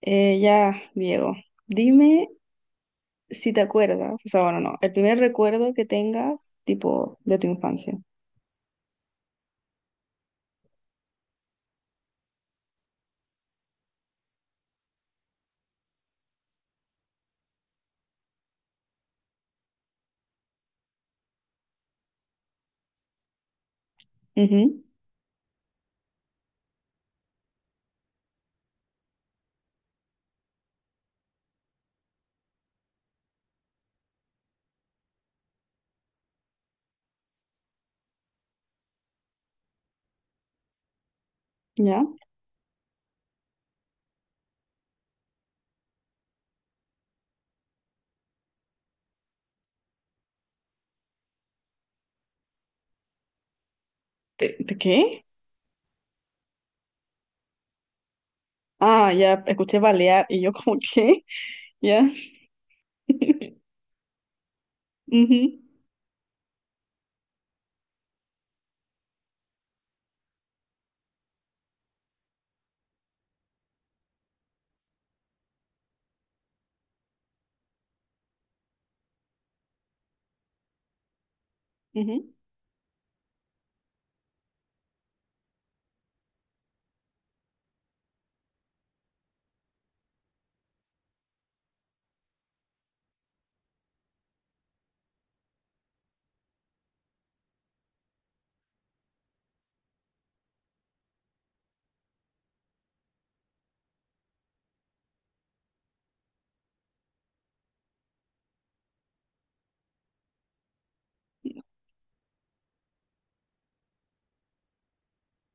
Ya, Diego, dime si te acuerdas, o sea, bueno, no, el primer recuerdo que tengas, tipo, de tu infancia. Ujú. ¿Ya? ¿De qué? Ah, ya, escuché balear y yo como, ¿qué? ¿Ya? Ujú, ujú.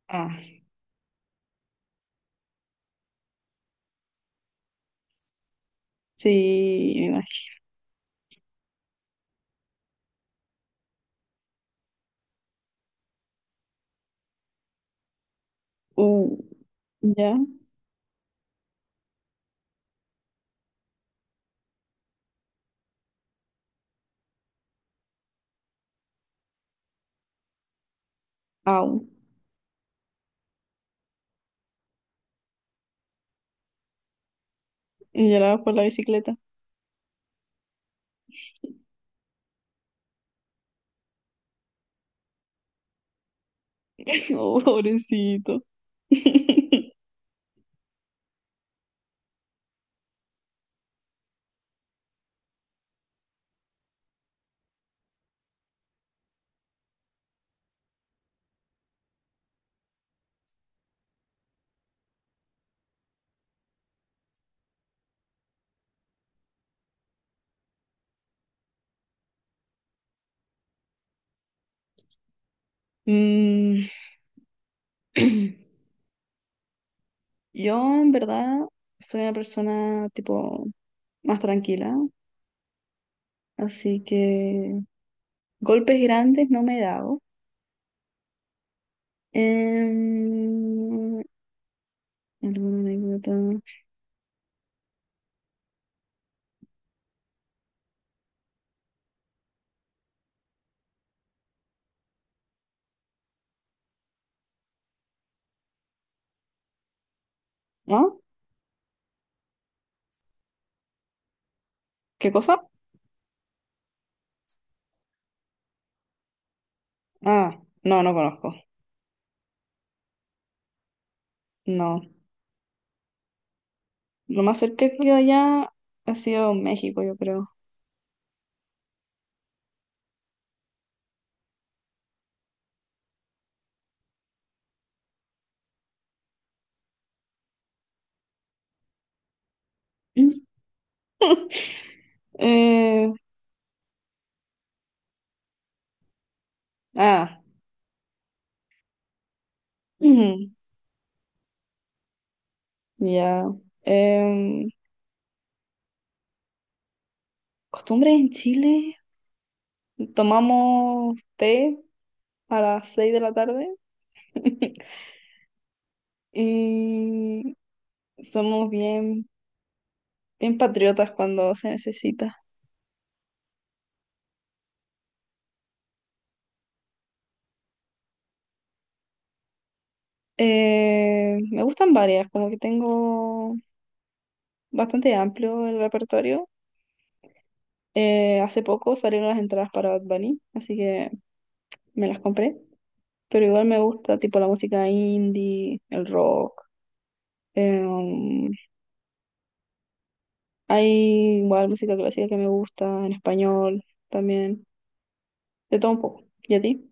Ah, sí, me imagino. Uh, ¿Ya? Au. Y lloraba por la bicicleta. Oh, pobrecito. Mm. Yo, en verdad, soy una persona tipo más tranquila, así que golpes grandes no me he dado. Em, ¿Alguna anécdota? ¿No? ¿Qué cosa? Ah, no, no conozco. No. Lo más cerca que yo allá ha sido México, yo creo. Eh, ah, Ujú, ya. Em, Costumbres en Chile, tomamos té a las 6 de la tarde. Y somos bien, bien patriotas cuando se necesita. Me gustan varias, como que tengo bastante amplio el repertorio. Hace poco salieron las entradas para Bad Bunny, así que me las compré. Pero igual me gusta tipo la música indie, el rock. eh, um, Hay igual música clásica que me gusta, en español también. De todo un poco. ¿Y a ti?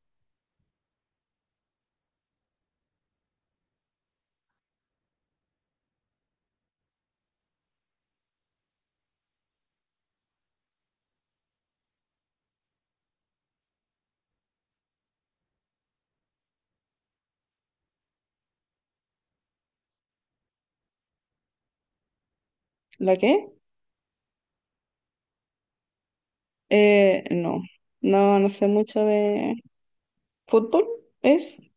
¿La qué? No. No, no sé mucho de ¿fútbol? ¿Es?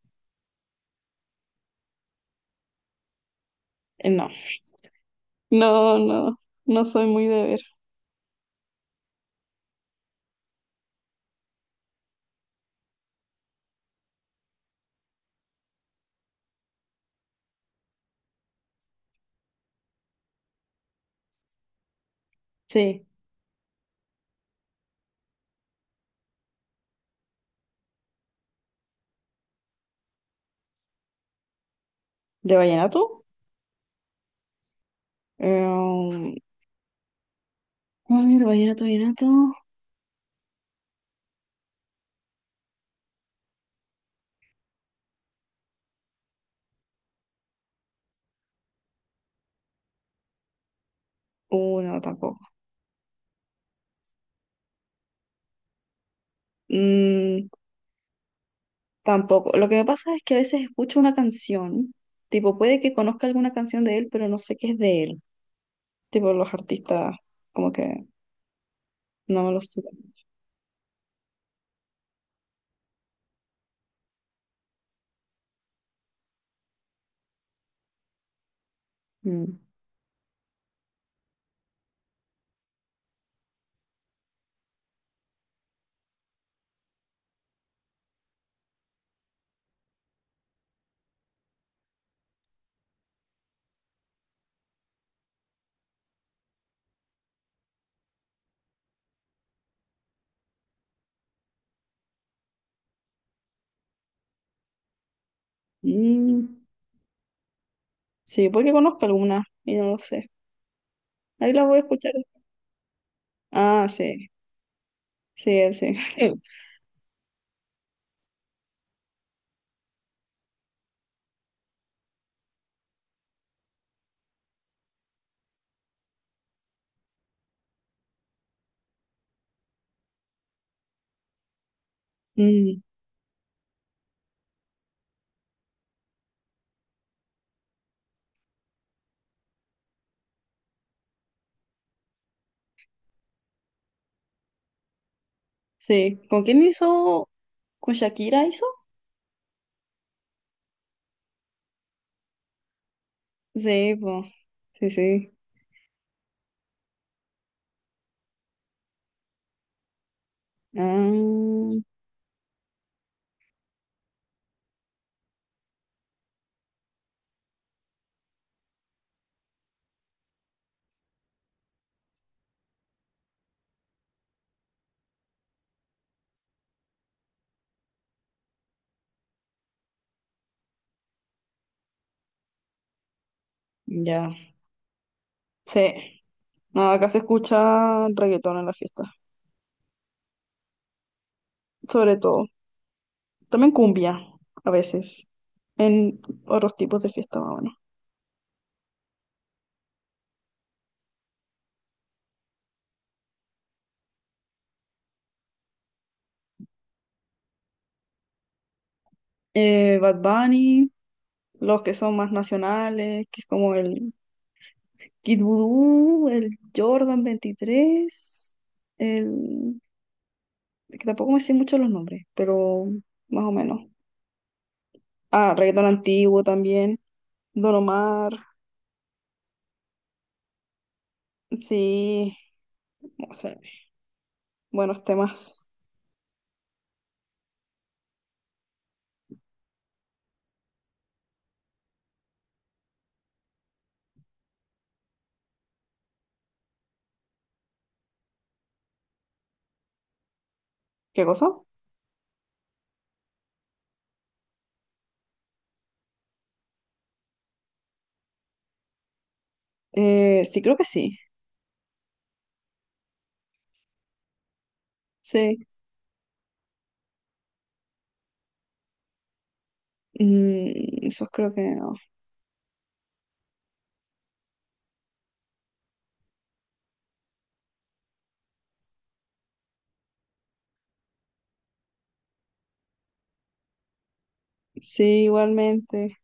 No, no, no, no soy muy de ver. Sí, ¿de vallenato? Em, a ver, vallenato, vallenato. No, tampoco. Mm, tampoco. Lo que me pasa es que a veces escucho una canción, tipo, puede que conozca alguna canción de él, pero no sé qué es de él. Tipo, los artistas, como que no me lo sé. Mm. Mm, sí, puede que conozca alguna y no lo sé. Ahí la voy a escuchar. Ah, sí, sí, él sí. Mm. Sí. ¿Con quién hizo? ¿Con Shakira hizo? Sí, po. Sí, sí. Ah, ya. Sí. No, acá se escucha reggaetón en la fiesta. Sobre todo. También cumbia, a veces. En otros tipos de fiesta, más o menos. Bad Bunny, los que son más nacionales, que es como el Kid Voodoo, el Jordan 23, el... que tampoco me sé mucho los nombres, pero más o menos. Ah, reggaetón antiguo también. Don Omar. Sí, no sé. Buenos temas. ¿Qué cosa? Sí, creo que sí. Sí. Mm, esos creo que no. Sí, igualmente.